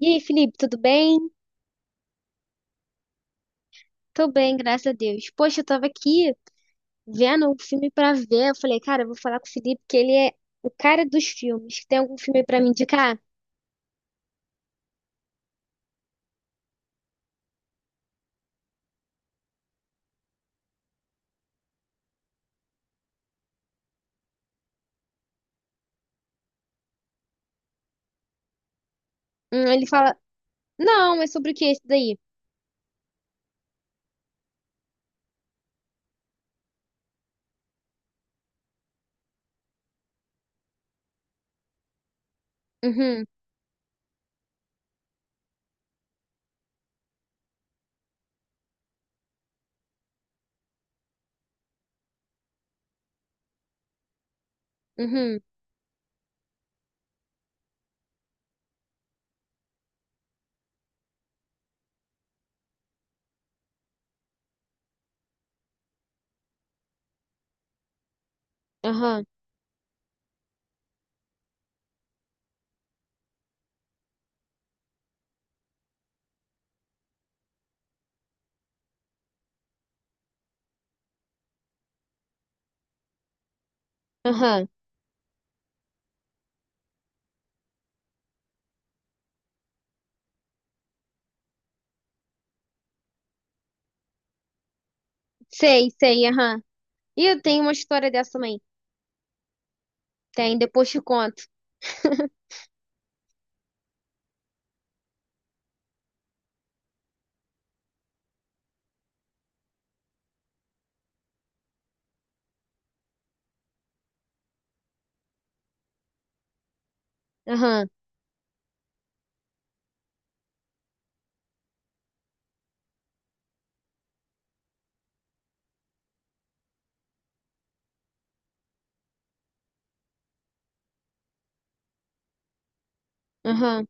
E aí, Felipe, tudo bem? Tô bem, graças a Deus. Poxa, eu tava aqui vendo um filme pra ver. Eu falei, cara, eu vou falar com o Felipe, que ele é o cara dos filmes. Tem algum filme pra me indicar? Ele fala, não, é sobre o que esse daí? Uhum, uhum, aham, aham. Sei, sei, aham. E eu tenho uma história dessa também. Tem, depois te conto. Aham, aham,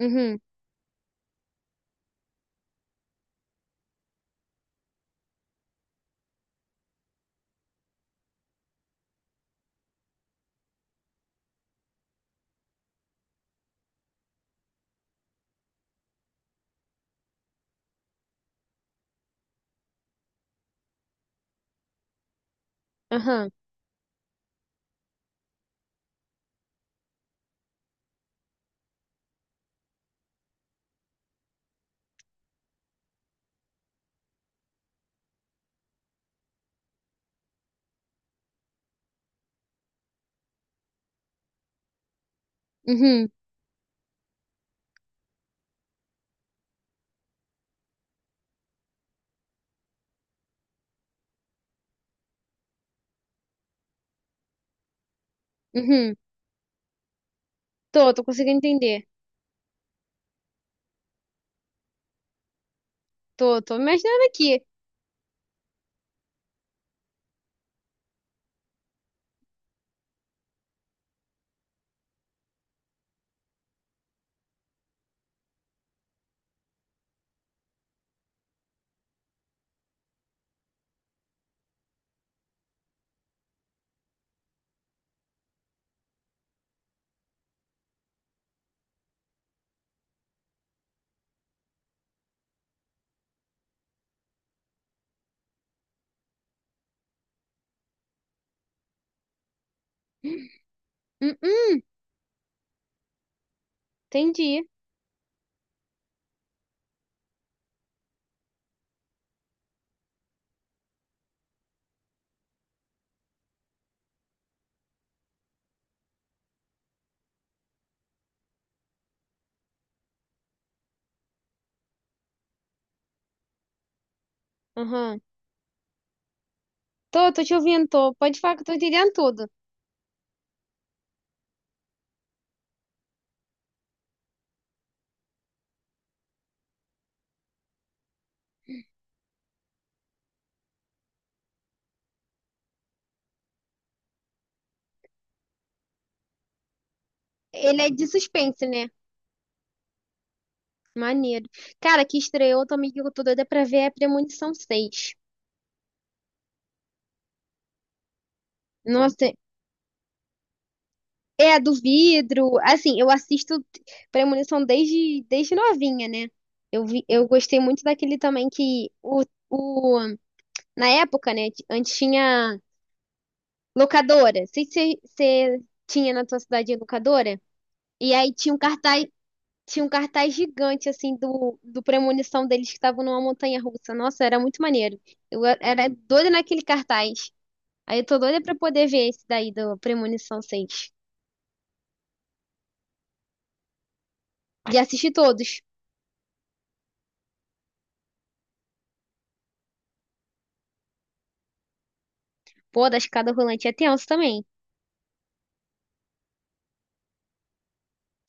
uhum, aham, uhum, uhum. Tô, tô conseguindo entender. Tô, tô imaginando aqui. Hum, hum, entendi. Aham. Tô, tô te ouvindo, tô. Pode falar que eu tô entendendo tudo. Ele é de suspense, né? Maneiro. Cara, que estreou também que eu tô doida pra ver é Premonição seis. Nossa, é a do vidro. Assim, eu assisto Premonição desde, desde novinha, né? Eu vi, eu gostei muito daquele também que o, na época, né? Antes tinha locadora. Sei se você tinha na tua cidade locadora. E aí tinha um cartaz. Tinha um cartaz gigante, assim, do, do premonição deles que estavam numa montanha russa. Nossa, era muito maneiro. Era doida naquele cartaz. Aí eu tô doida pra poder ver esse daí do Premonição seis. E assisti todos. Pô, da escada rolante é tenso também.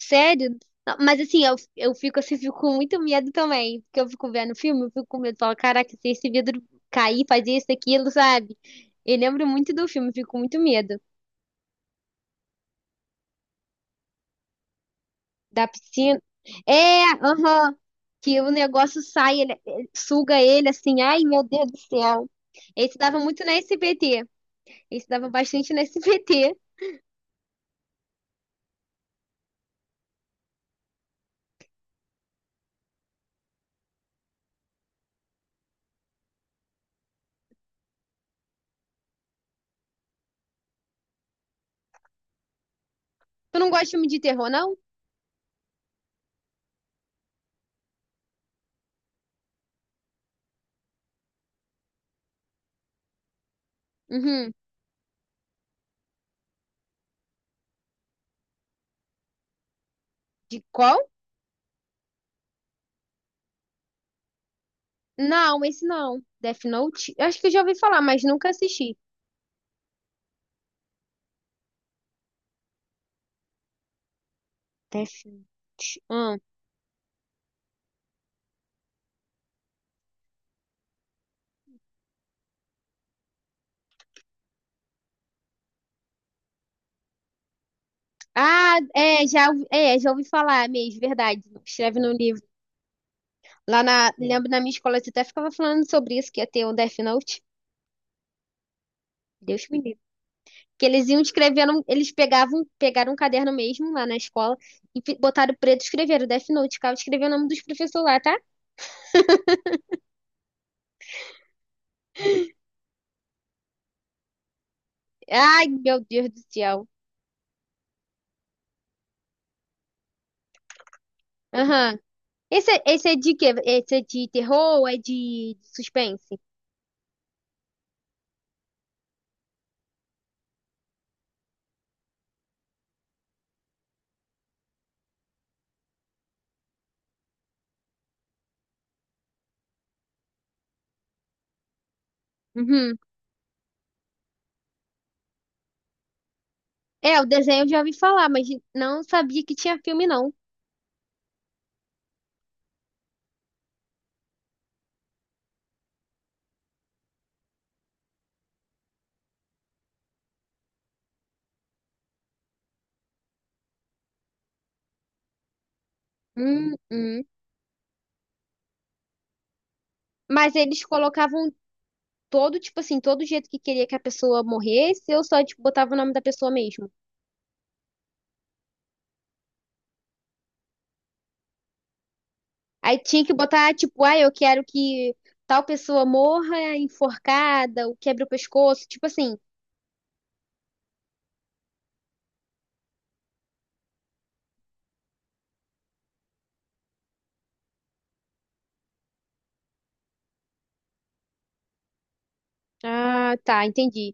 Sério? Não, mas assim, eu fico assim, fico com muito medo também. Porque eu fico vendo o filme, eu fico com medo. Falo, caraca, se esse vidro cair, fazer isso, aquilo, sabe? Eu lembro muito do filme, fico com muito medo. Da piscina. É, aham. Que o negócio sai, ele suga ele assim. Ai, meu Deus do céu. Esse dava muito na SBT. Esse dava bastante na SBT. Tu não gosta de filme de terror, não? Uhum. De qual? Não, esse não. Death Note? Eu acho que eu já ouvi falar, mas nunca assisti. Death Note. Hum. Ah, é, já, já ouvi falar mesmo, verdade. Escreve no livro. Lá na, lembro na minha escola, você até ficava falando sobre isso, que ia ter um Death Note. Deus me livre. Que eles iam escrevendo, eles pegavam, pegaram um caderno mesmo lá na escola e botaram preto e escreveram Death Note, cara, escreveu o nome dos professores lá, tá? Ai, meu Deus do céu. Aham. Esse, esse é de quê? Esse é de terror ou é de suspense? Uhum. É, o desenho eu já ouvi falar, mas não sabia que tinha filme, não. Hum, hum. Mas eles colocavam todo, tipo assim, todo jeito que queria que a pessoa morresse, eu só, tipo, botava o nome da pessoa mesmo. Aí tinha que botar, tipo, ah, eu quero que tal pessoa morra enforcada, ou quebre o pescoço, tipo assim. Ah, tá, entendi.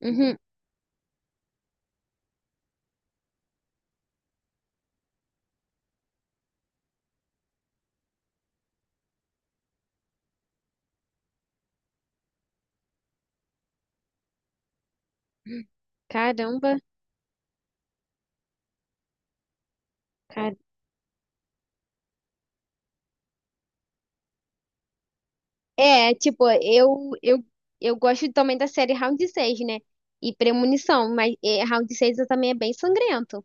Uhum. Caramba, cara. É, tipo, eu gosto também da série Round 6, né? E Premonição, mas é, Round 6 também é bem sangrento.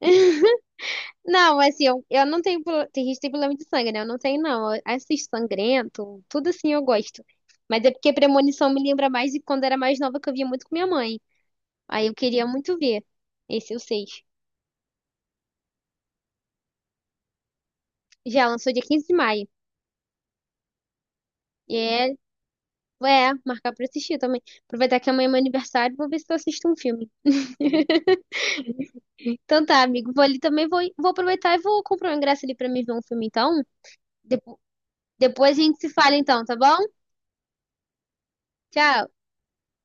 Não, assim, eu não tenho. Tem gente que tem problema de sangue, né? Eu não tenho, não. Eu assisto sangrento, tudo assim eu gosto. Mas é porque Premonição me lembra mais de quando era mais nova que eu via muito com minha mãe. Aí eu queria muito ver. Esse é o 6. Já lançou dia 15 de maio. E é, é, marcar pra assistir também. Aproveitar que amanhã é meu aniversário, vou ver se eu assisto um filme. Então tá, amigo. Vou ali também, vou aproveitar e vou comprar um ingresso ali pra mim ver um filme, então. Depo- Depois a gente se fala, então, tá bom? Tchau.